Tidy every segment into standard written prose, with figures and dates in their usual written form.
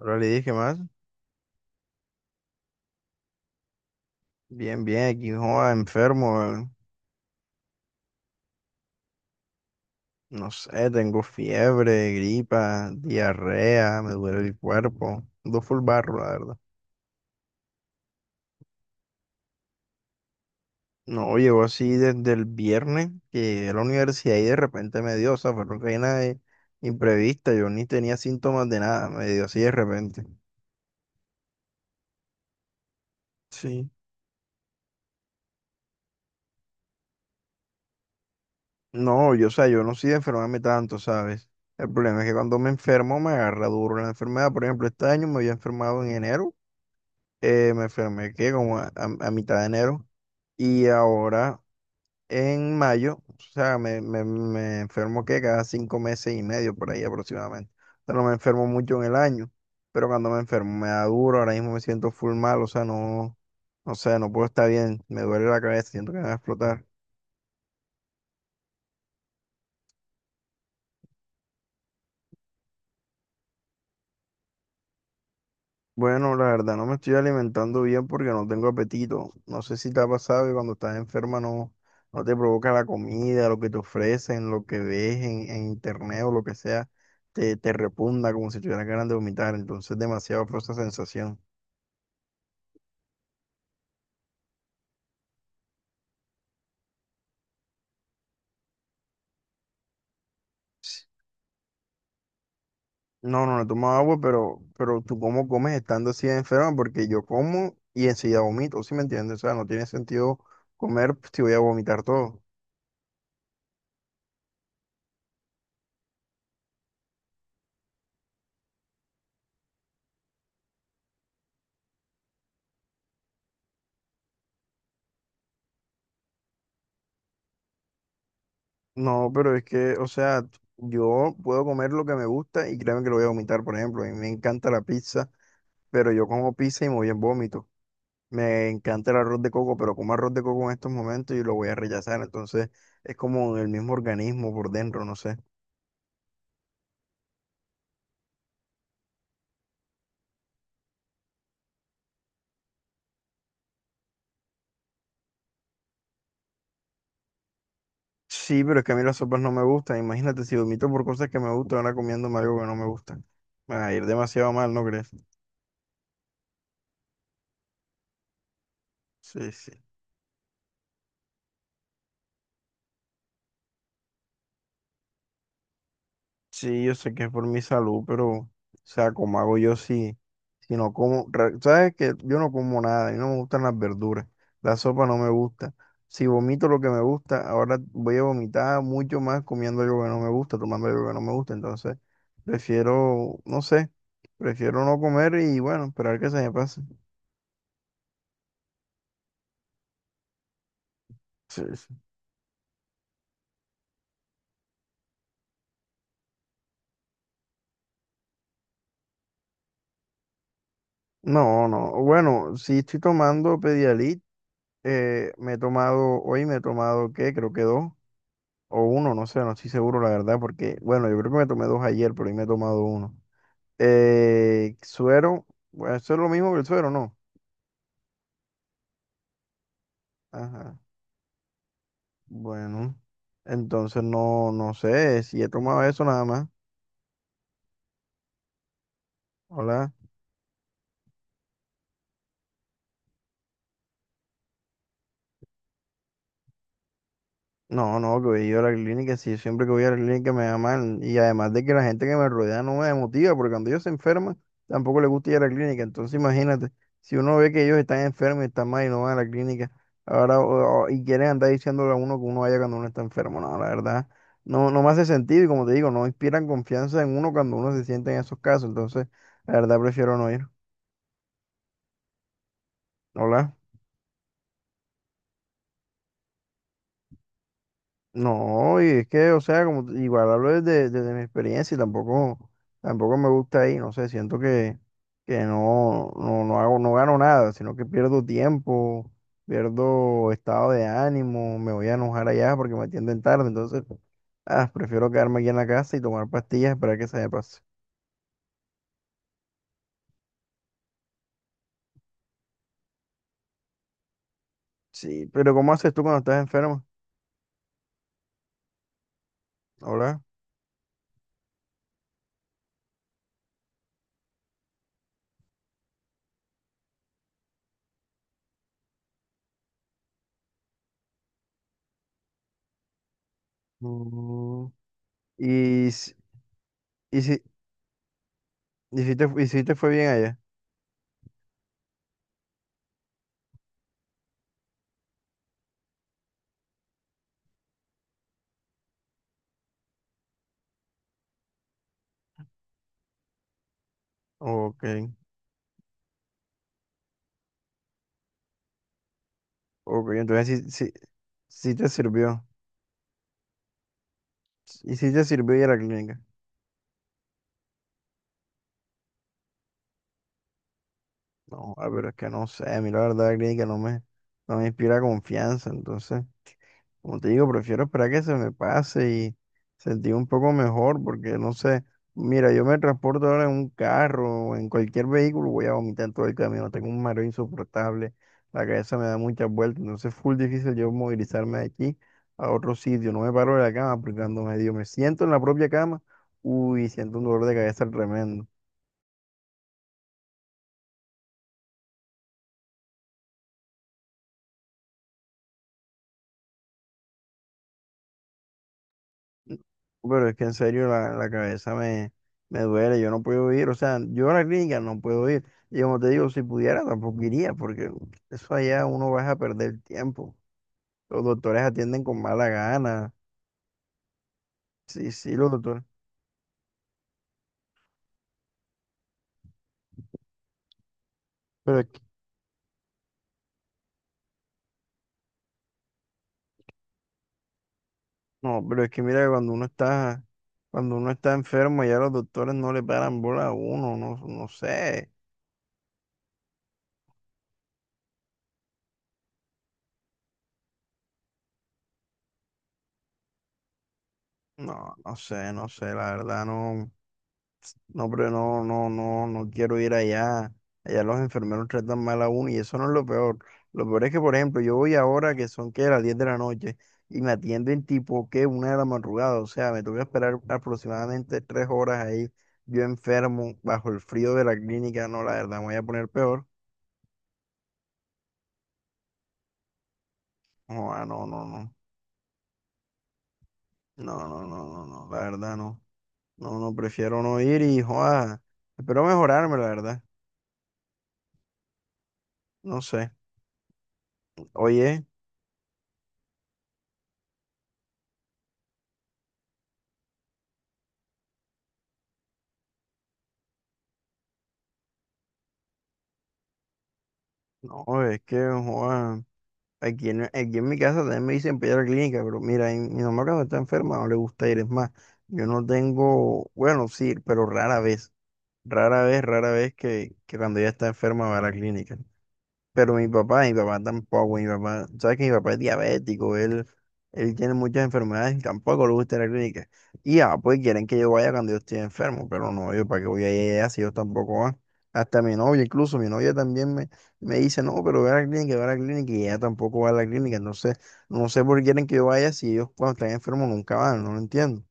Ahora le dije más. Bien, bien, aquí joda, enfermo. No sé, tengo fiebre, gripa, diarrea, me duele el cuerpo. Ando full barro, la verdad. No, llegó así desde el viernes que llegué a la universidad y de repente me dio, o sea, fue una vaina imprevista. Yo ni tenía síntomas de nada, me dio así de repente. Sí. No, yo, o sea, yo no soy de enfermarme tanto, ¿sabes? El problema es que cuando me enfermo me agarra duro la enfermedad. Por ejemplo, este año me había enfermado en enero. Me enfermé que como a mitad de enero y ahora en mayo. O sea, me enfermo que cada 5 meses y medio por ahí aproximadamente. O sea, no me enfermo mucho en el año, pero cuando me enfermo me da duro. Ahora mismo me siento full mal, o sea, no, no sé, no puedo estar bien, me duele la cabeza, siento que me va a explotar. Bueno, la verdad no me estoy alimentando bien porque no tengo apetito. No sé si te ha pasado que cuando estás enferma no, no te provoca la comida, lo que te ofrecen, lo que ves en internet o lo que sea, te repugna como si tuvieras ganas de vomitar. Entonces, demasiado fue esa sensación. No, no, no tomo agua, pero tú cómo comes estando así de enferma, porque yo como y enseguida vomito, ¿sí me entiendes? O sea, no tiene sentido comer pues, si voy a vomitar todo. No, pero es que, o sea, yo puedo comer lo que me gusta y créeme que lo voy a vomitar. Por ejemplo, a mí me encanta la pizza, pero yo como pizza y me voy en vómito. Me encanta el arroz de coco, pero como arroz de coco en estos momentos y lo voy a rechazar. Entonces, es como el mismo organismo por dentro, no sé. Sí, pero es que a mí las sopas no me gustan. Imagínate, si vomito por cosas que me gustan, ahora comiéndome algo que no me gusta. Me va a ir demasiado mal, ¿no crees? Sí, sí. Sí, yo sé que es por mi salud, pero, o sea, ¿cómo hago yo si no como? ¿Sabes que yo no como nada, y no me gustan las verduras, la sopa no me gusta? Si vomito lo que me gusta, ahora voy a vomitar mucho más comiendo algo que no me gusta, tomando algo que no me gusta. Entonces, prefiero, no sé, prefiero no comer y, bueno, esperar que se me pase. Sí, sí. No, no. Bueno, si estoy tomando Pedialyte. Me he tomado, hoy me he tomado, ¿qué? Creo que dos. O uno, no sé, no estoy seguro la verdad, porque, bueno, yo creo que me tomé dos ayer, pero hoy me he tomado uno. Suero, bueno, eso es lo mismo que el suero, ¿no? Ajá. Bueno, entonces no, no sé si he tomado eso nada más. Hola. No, no, que voy yo a la clínica, sí, siempre que voy a la clínica me da mal. Y además de que la gente que me rodea no me motiva, porque cuando ellos se enferman, tampoco les gusta ir a la clínica. Entonces, imagínate, si uno ve que ellos están enfermos y están mal y no van a la clínica, ahora y quieren andar diciéndole a uno que uno vaya cuando uno está enfermo. No, la verdad, no me hace sentido y, como te digo, no inspiran confianza en uno cuando uno se siente en esos casos. Entonces, la verdad prefiero no ir. Hola. No, y es que, o sea, como igual hablo desde mi experiencia y tampoco me gusta ahí, no sé, siento que no, no, no hago, no gano nada, sino que pierdo tiempo, pierdo estado de ánimo, me voy a enojar allá porque me atienden tarde, entonces, ah, prefiero quedarme aquí en la casa y tomar pastillas para que se me pase. Sí, pero ¿cómo haces tú cuando estás enfermo? Hola. Mm. Y, si- y si, y si te fue bien allá. Ok. Ok, entonces sí, sí, sí te sirvió. Y sí te sirvió ir a la clínica. No, ah, pero es que no sé, a mí la verdad la clínica no me inspira confianza, entonces. Como te digo, prefiero esperar que se me pase y sentir un poco mejor, porque no sé, mira, yo me transporto ahora en un carro o en cualquier vehículo, voy a vomitar todo el camino, tengo un mareo insoportable, la cabeza me da muchas vueltas. Entonces, es full difícil yo movilizarme de aquí a otro sitio, no me paro de la cama, porque cuando medio me siento en la propia cama, uy, siento un dolor de cabeza tremendo. Pero es que en serio la cabeza me duele, yo no puedo ir, o sea, yo a la clínica no puedo ir. Y como te digo, si pudiera tampoco iría, porque eso allá uno va a perder tiempo. Los doctores atienden con mala gana, sí, sí, los doctores. Pero es que, no, pero es que mira, cuando uno está enfermo, ya los doctores no le paran bola a uno, no, no sé, no, no sé, no sé, la verdad no. No, pero no, no, no, no quiero ir allá. Allá los enfermeros tratan mal a uno y eso no es lo peor. Lo peor es que, por ejemplo, yo voy ahora que son que las 10 de la noche y me atienden tipo que 1 de la madrugada. O sea, me tuve que esperar aproximadamente 3 horas ahí, yo enfermo, bajo el frío de la clínica. No, la verdad, me voy a poner peor. Joa, no, no, no. No, no, no, no, no. La verdad, no. No, no, prefiero no ir y, joa, espero mejorarme, la verdad. No sé. Oye, no, es que, joa. Aquí en, aquí en mi casa también me dicen para ir a la clínica, pero mira, mi mamá cuando está enferma no le gusta ir, es más, yo no tengo, bueno, sí, pero rara vez, rara vez, rara vez que cuando ella está enferma va a la clínica. Pero mi papá tampoco, mi papá, sabes que mi papá es diabético, él tiene muchas enfermedades y tampoco le gusta ir a la clínica. Y ya, pues quieren que yo vaya cuando yo estoy enfermo, pero no, yo para qué voy a ir allá si yo tampoco voy. Hasta mi novia, incluso mi novia también me dice, no, pero ve a la clínica, ve a la clínica, y ella tampoco va a la clínica, entonces no sé por qué quieren que yo vaya si ellos cuando están enfermos nunca van, no lo entiendo.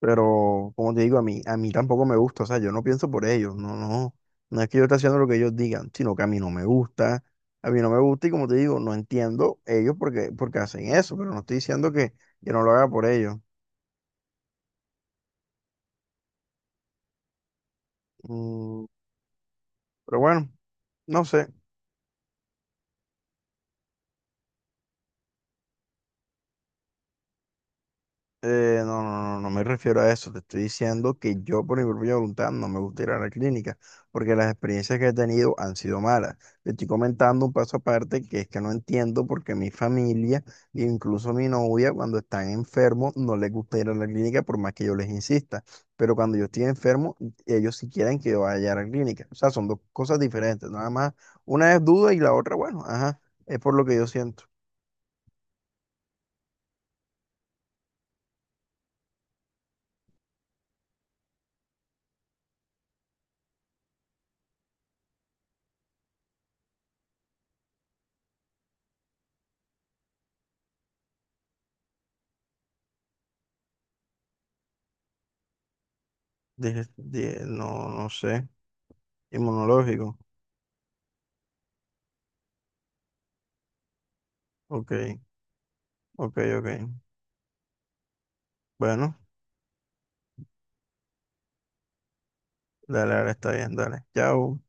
Pero, como te digo, a mí tampoco me gusta, o sea, yo no pienso por ellos, no, no, no es que yo esté haciendo lo que ellos digan, sino que a mí no me gusta, a mí no me gusta y, como te digo, no entiendo ellos porque, porque hacen eso, pero no estoy diciendo que yo no lo haga por ellos. Mm, pero bueno, no sé. No, no, no, no me refiero a eso. Te estoy diciendo que yo por mi propia voluntad no me gusta ir a la clínica porque las experiencias que he tenido han sido malas. Te estoy comentando un paso aparte que es que no entiendo por qué mi familia, e incluso mi novia, cuando están enfermos no les gusta ir a la clínica por más que yo les insista. Pero cuando yo estoy enfermo, ellos sí quieren que yo vaya a la clínica. O sea, son dos cosas diferentes. Nada más, una es duda y la otra, bueno, ajá, es por lo que yo siento. No, no sé, inmunológico. Ok, ok, ok. Bueno, dale, ahora está bien, dale. Chao.